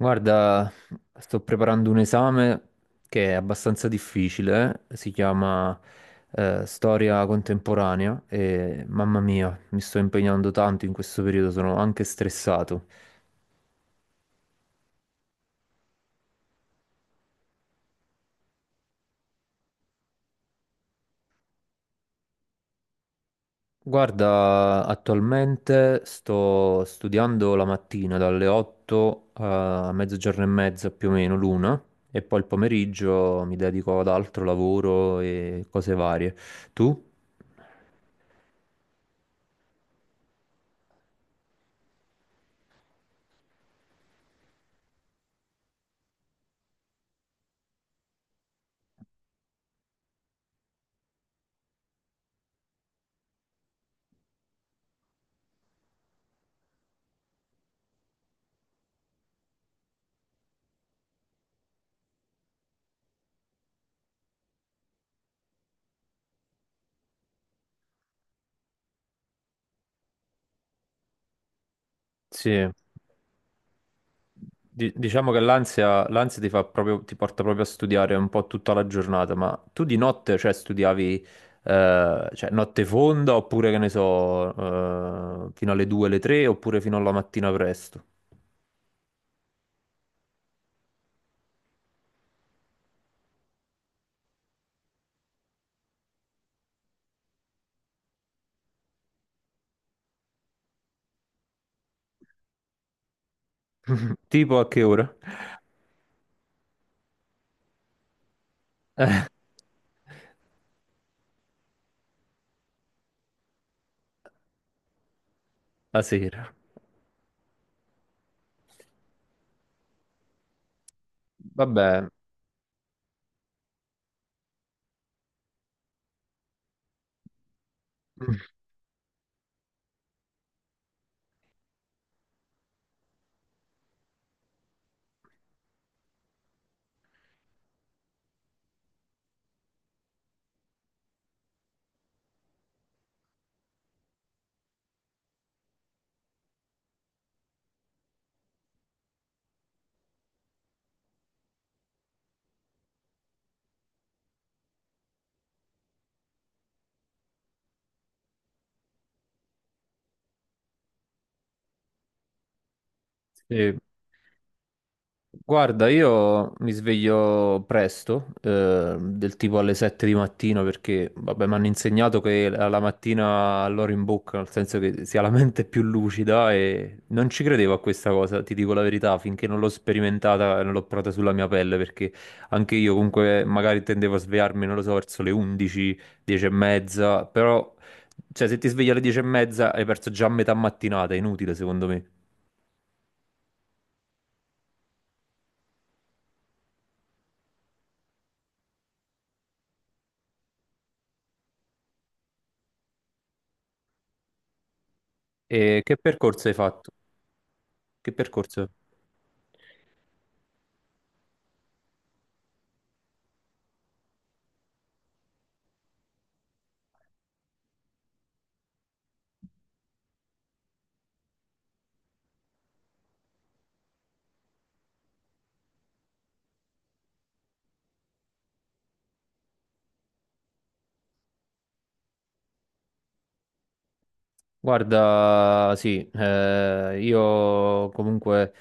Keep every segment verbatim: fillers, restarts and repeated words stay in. Guarda, sto preparando un esame che è abbastanza difficile, si chiama eh, Storia contemporanea e mamma mia, mi sto impegnando tanto in questo periodo, sono anche stressato. Guarda, attualmente sto studiando la mattina dalle otto a mezzogiorno e mezza, più o meno l'una, e poi il pomeriggio mi dedico ad altro lavoro e cose varie. Tu? Sì. Di- Diciamo che l'ansia l'ansia ti fa proprio, ti porta proprio a studiare un po' tutta la giornata, ma tu di notte, cioè, studiavi, eh, cioè, notte fonda oppure, che ne so, eh, fino alle due, alle tre oppure fino alla mattina presto? Tipo a che ora? La sera. Vabbè, sì. Guarda, io mi sveglio presto, eh, del tipo alle sette di mattina, perché vabbè, mi hanno insegnato che la la mattina all'ora in bocca, nel senso che si ha la mente più lucida, e non ci credevo a questa cosa, ti dico la verità, finché non l'ho sperimentata e non l'ho provata sulla mia pelle, perché anche io comunque magari tendevo a svegliarmi, non lo so, verso le undici, dieci e mezza, però cioè, se ti svegli alle dieci e mezza hai perso già metà mattinata, è inutile secondo me. E che percorso hai fatto? Che percorso? Guarda, sì, eh, io comunque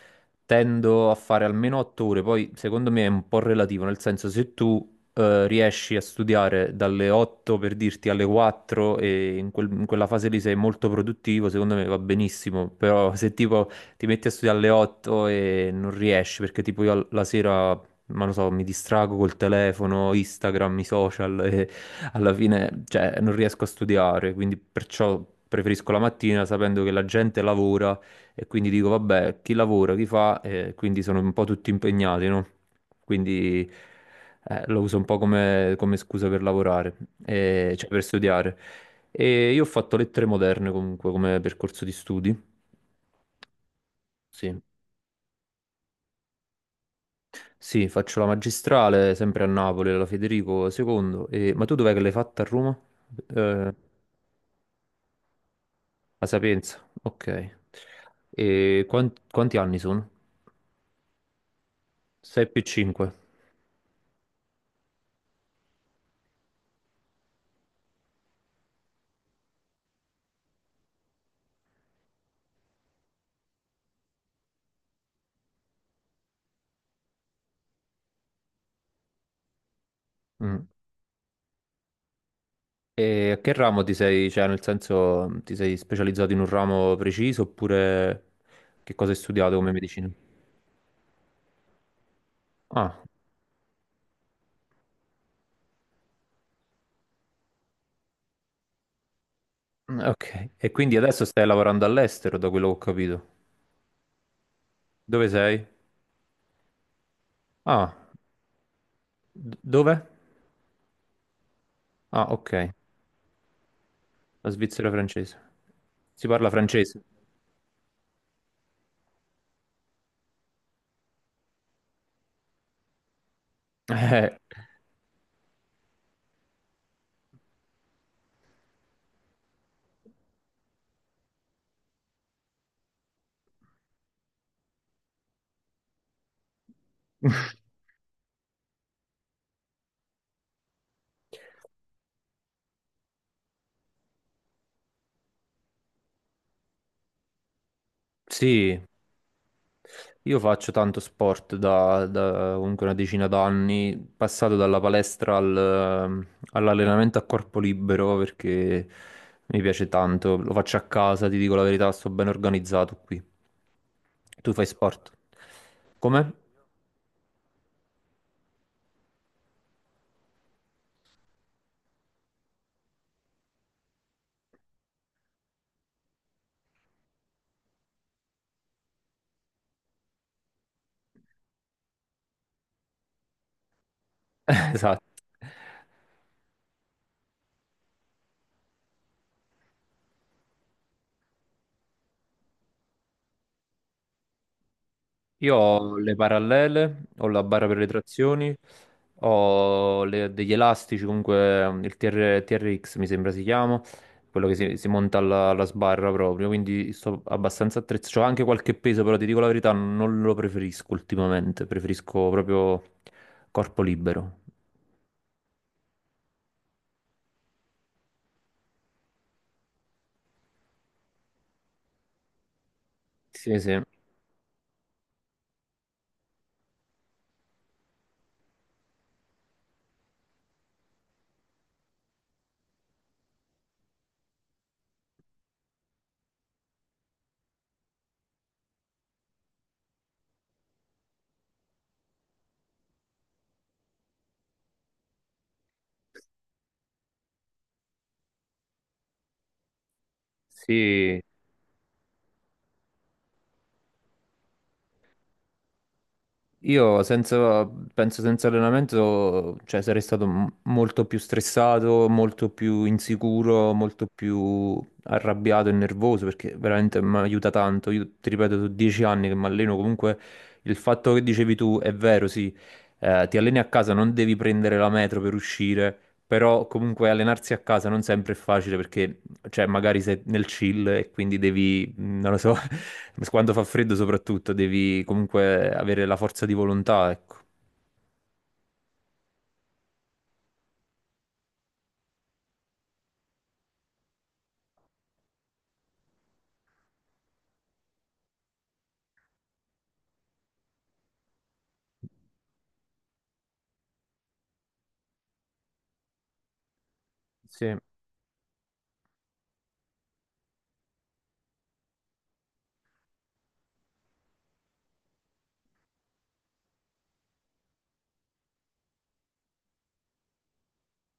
tendo a fare almeno otto ore, poi secondo me è un po' relativo, nel senso se tu eh, riesci a studiare dalle otto per dirti alle quattro, e in, quel- in quella fase lì sei molto produttivo, secondo me va benissimo, però se tipo ti metti a studiare alle otto e non riesci perché tipo io al- la sera, ma lo so, mi distrago col telefono, Instagram, i social, alla fine, cioè, non riesco a studiare, quindi perciò preferisco la mattina, sapendo che la gente lavora, e quindi dico, vabbè, chi lavora, chi fa, e quindi sono un po' tutti impegnati, no? Quindi eh, lo uso un po' come, come, scusa per lavorare, eh, cioè per studiare. E io ho fatto lettere moderne comunque come percorso di studi. Sì. Sì, faccio la magistrale sempre a Napoli, alla Federico due. E... Ma tu dov'è che l'hai fatta, a Roma? Eh, La Sapienza, ok. E quan- quanti anni sono? sei più cinque. E a che ramo ti sei, cioè nel senso ti sei specializzato in un ramo preciso, oppure che cosa hai studiato come medicina? Ah, mm, ok. E quindi adesso stai lavorando all'estero, da quello che ho capito. Dove sei? Ah, d- dove? Ah, ok. La Svizzera francese. Si parla francese? Eh, sì. Io faccio tanto sport da, da comunque una decina d'anni, passato dalla palestra al- all'allenamento a corpo libero, perché mi piace tanto, lo faccio a casa, ti dico la verità, sto ben organizzato qui. Tu fai sport? Come? Io ho le parallele, ho la barra per le trazioni, ho le- degli elastici, comunque mm, il T R T R X mi sembra si chiama, quello che si, si monta alla, alla sbarra proprio, quindi sto abbastanza attrezzato. C'ho anche qualche peso, però ti dico la verità, non lo preferisco ultimamente, preferisco proprio corpo libero. Sì, sì, sì. Io senza, penso senza allenamento, cioè, sarei stato m- molto più stressato, molto più insicuro, molto più arrabbiato e nervoso, perché veramente mi aiuta tanto. Io ti ripeto, sono dieci anni che mi alleno, comunque il fatto che dicevi tu è vero, sì, eh, ti alleni a casa, non devi prendere la metro per uscire, però comunque allenarsi a casa non sempre è facile, perché cioè, magari sei nel chill e quindi devi, mh, non lo so, quando fa freddo soprattutto, devi comunque avere la forza di volontà, ecco. Sì,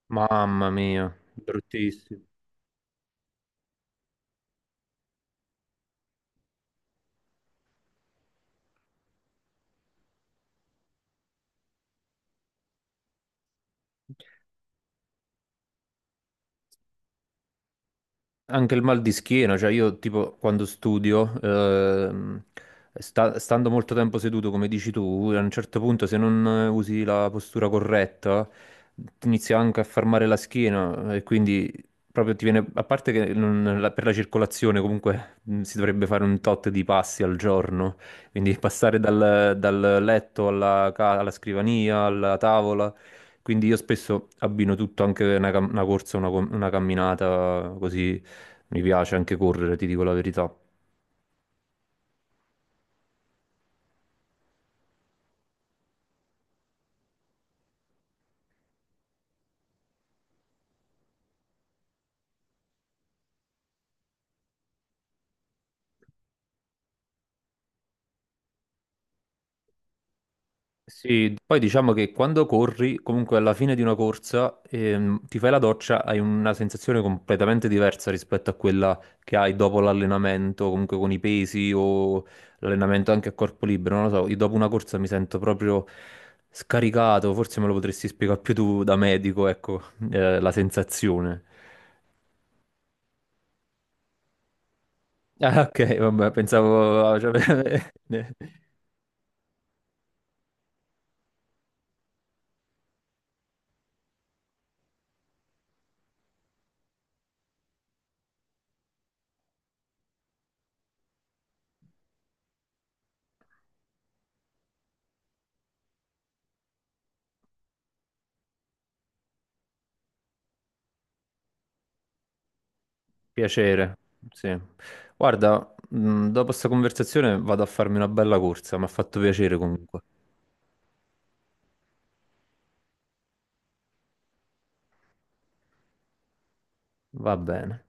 mamma mia, bruttissimo. Anche il mal di schiena, cioè io tipo quando studio, ehm, sta- stando molto tempo seduto come dici tu, a un certo punto, se non eh, usi la postura corretta, ti inizia anche a fermare la schiena, e quindi proprio ti viene, a parte che non- la- per la circolazione comunque mh, si dovrebbe fare un tot di passi al giorno, quindi passare dal, dal, letto alla, ca- alla scrivania, alla tavola. Quindi io spesso abbino tutto, anche una, cam- una corsa, una, com- una camminata, così. Mi piace anche correre, ti dico la verità. Sì, poi diciamo che quando corri, comunque alla fine di una corsa, ehm, ti fai la doccia, hai una sensazione completamente diversa rispetto a quella che hai dopo l'allenamento, comunque con i pesi o l'allenamento anche a corpo libero. Non lo so, io dopo una corsa mi sento proprio scaricato, forse me lo potresti spiegare più tu da medico, ecco, eh, la sensazione. Ah, ok, vabbè, pensavo... cioè, piacere, sì. Guarda, mh, dopo questa conversazione vado a farmi una bella corsa, mi ha fatto piacere comunque. Va bene.